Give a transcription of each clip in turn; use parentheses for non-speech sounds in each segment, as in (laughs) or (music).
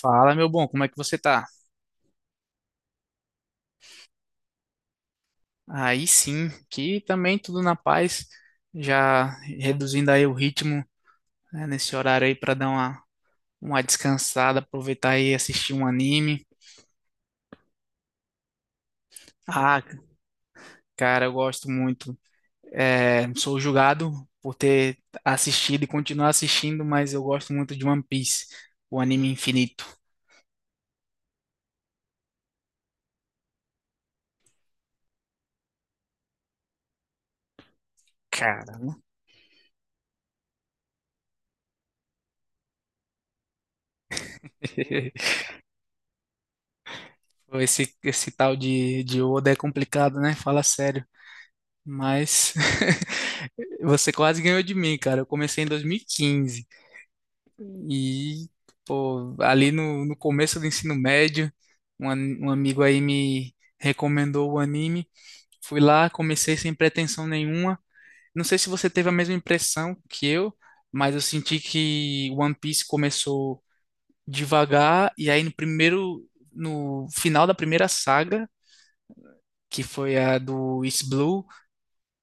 Fala, meu bom, como é que você tá? Aí sim, que também tudo na paz, já reduzindo aí o ritmo, né, nesse horário aí para dar uma descansada, aproveitar e assistir um anime. Ah, cara, eu gosto muito. É, sou julgado por ter assistido e continuar assistindo, mas eu gosto muito de One Piece, o anime infinito. Cara, (laughs) esse tal de Oda é complicado, né? Fala sério. Mas (laughs) você quase ganhou de mim, cara. Eu comecei em 2015 e, quinze e, pô, ali no começo do ensino médio, um amigo aí me recomendou o anime. Fui lá, comecei sem pretensão nenhuma. Não sei se você teve a mesma impressão que eu, mas eu senti que One Piece começou devagar e aí no primeiro, no final da primeira saga, que foi a do East Blue,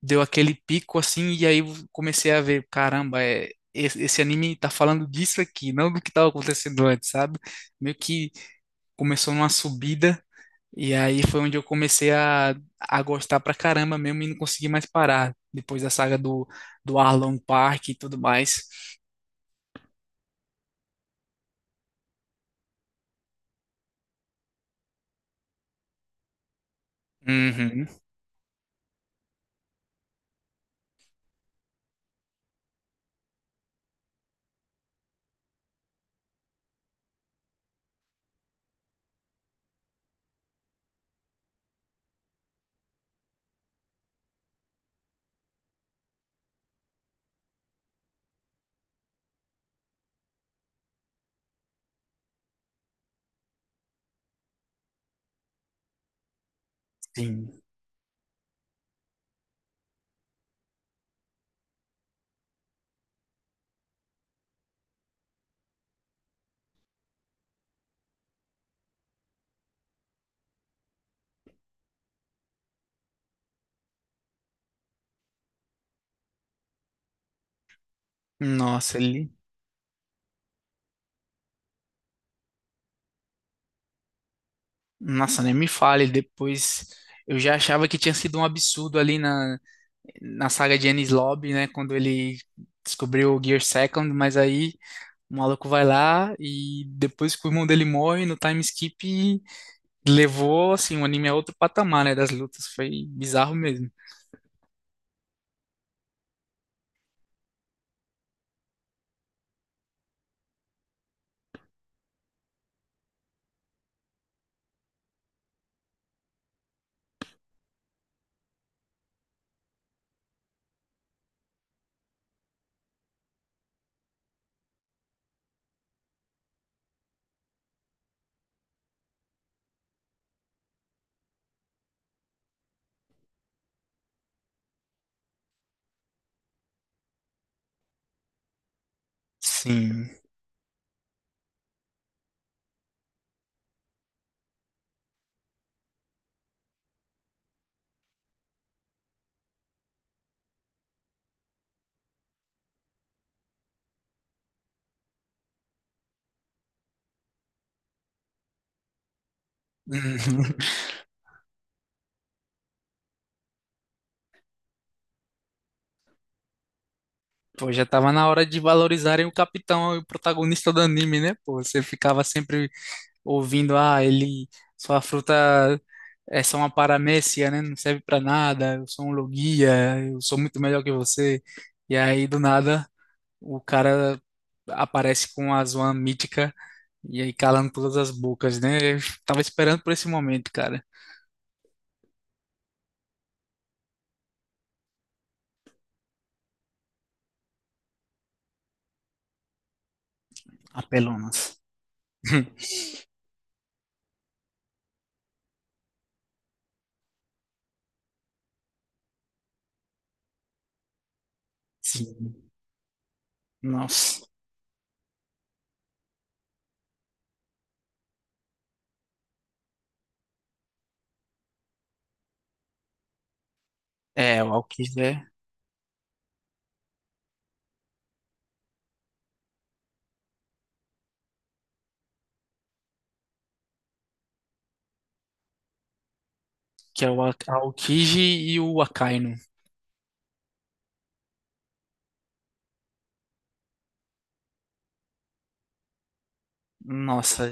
deu aquele pico assim, e aí eu comecei a ver, caramba, é, esse anime tá falando disso aqui, não do que tava acontecendo antes, sabe? Meio que começou numa subida, e aí foi onde eu comecei a gostar pra caramba mesmo e não consegui mais parar, depois da saga do Arlong Park e tudo mais. Uhum, sim. Nossa, ele. Nossa, nem me fale, depois. Eu já achava que tinha sido um absurdo ali na saga de Enies Lobby, né? Quando ele descobriu o Gear Second, mas aí o maluco vai lá e depois que o irmão dele morre no time skip, levou assim, o anime a outro patamar, né? Das lutas. Foi bizarro mesmo. Sim. (laughs) Pô, já tava na hora de valorizarem o capitão e o protagonista do anime, né? Pô, você ficava sempre ouvindo, ah, ele, sua fruta é só uma paramécia, né? Não serve para nada, eu sou um logia, eu sou muito melhor que você. E aí, do nada, o cara aparece com a Zoan mítica e aí calando todas as bocas, né? Eu tava esperando por esse momento, cara. Apelonas. (laughs) Sim. Nossa. É, o Aokiji, é, que é o Aokiji e o Akainu. Nossa,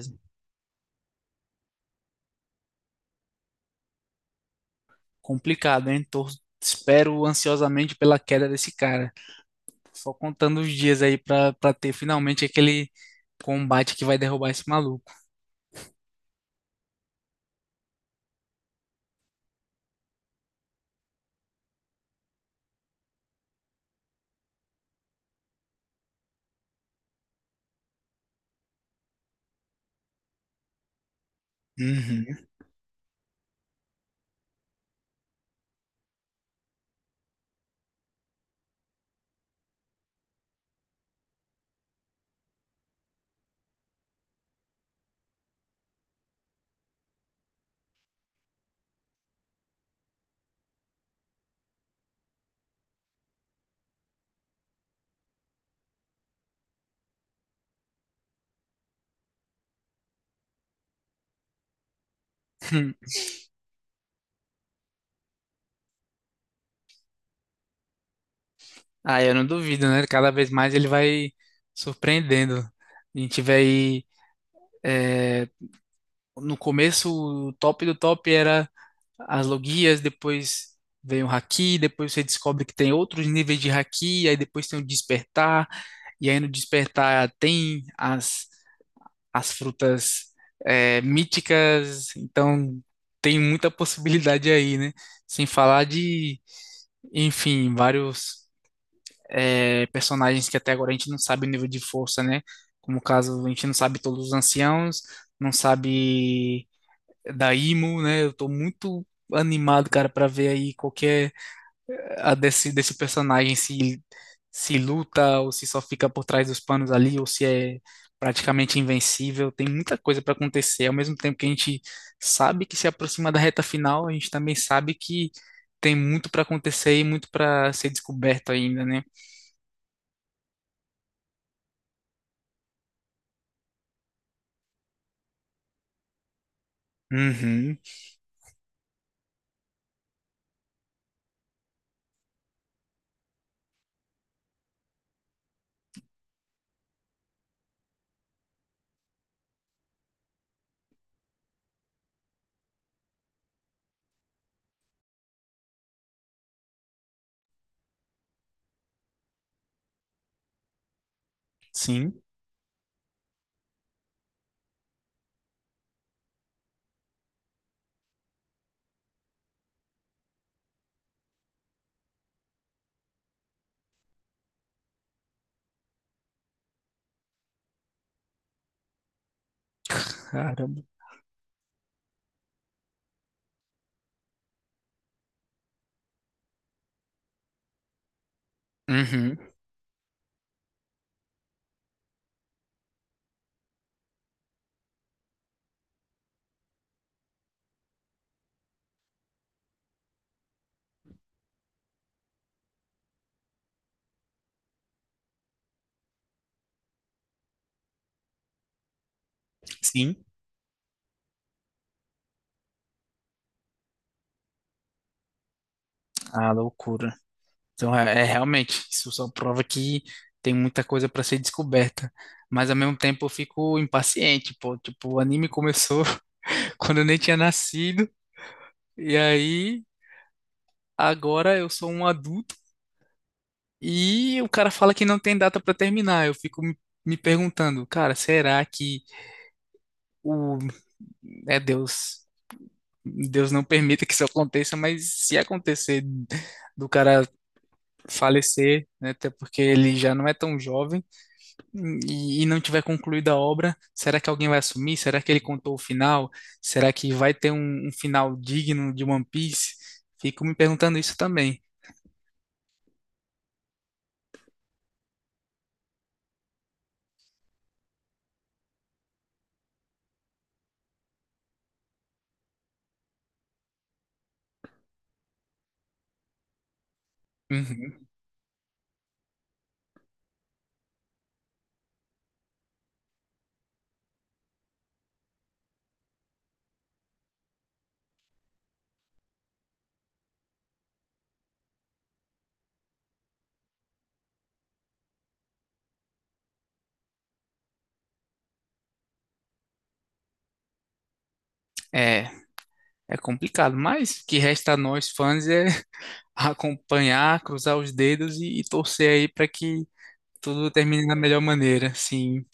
complicado, hein? Tô, espero ansiosamente pela queda desse cara. Só contando os dias aí pra ter finalmente aquele combate que vai derrubar esse maluco. Uhum. (laughs) Ah, eu não duvido, né? Cada vez mais ele vai surpreendendo. A gente vê aí. É, no começo, o top do top era as logias, depois vem o haki, depois você descobre que tem outros níveis de haki, aí depois tem o despertar, e aí no despertar tem as frutas, é, míticas, então tem muita possibilidade aí, né? Sem falar de, enfim, vários, é, personagens que até agora a gente não sabe o nível de força, né? Como o caso, a gente não sabe todos os anciãos, não sabe da Imo, né? Eu tô muito animado, cara, para ver aí qualquer a desse personagem, se se luta ou se só fica por trás dos panos ali ou se é praticamente invencível. Tem muita coisa para acontecer. Ao mesmo tempo que a gente sabe que se aproxima da reta final, a gente também sabe que tem muito para acontecer e muito para ser descoberto ainda, né? Uhum, sim. Caramba. Uhum, sim. Ah, loucura. Então, é, é realmente, isso só prova que tem muita coisa para ser descoberta. Mas ao mesmo tempo eu fico impaciente, pô. Tipo, o anime começou (laughs) quando eu nem tinha nascido, e aí agora eu sou um adulto e o cara fala que não tem data para terminar. Eu fico me perguntando, cara, será que o é Deus, Deus não permita que isso aconteça, mas se acontecer do cara falecer, né, até porque ele já não é tão jovem e não tiver concluída a obra, será que alguém vai assumir? Será que ele contou o final? Será que vai ter um final digno de One Piece? Fico me perguntando isso também. Uhum. É, é complicado, mas o que resta a nós fãs é (laughs) acompanhar, cruzar os dedos e torcer aí para que tudo termine da melhor maneira. Sim,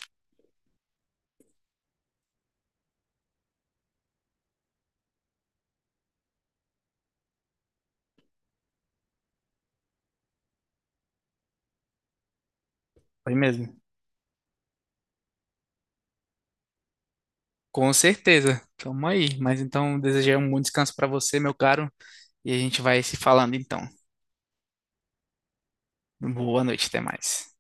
foi mesmo. Com certeza. Tamo aí. Mas então, desejar um bom descanso para você, meu caro, e a gente vai se falando então. Boa noite, até mais.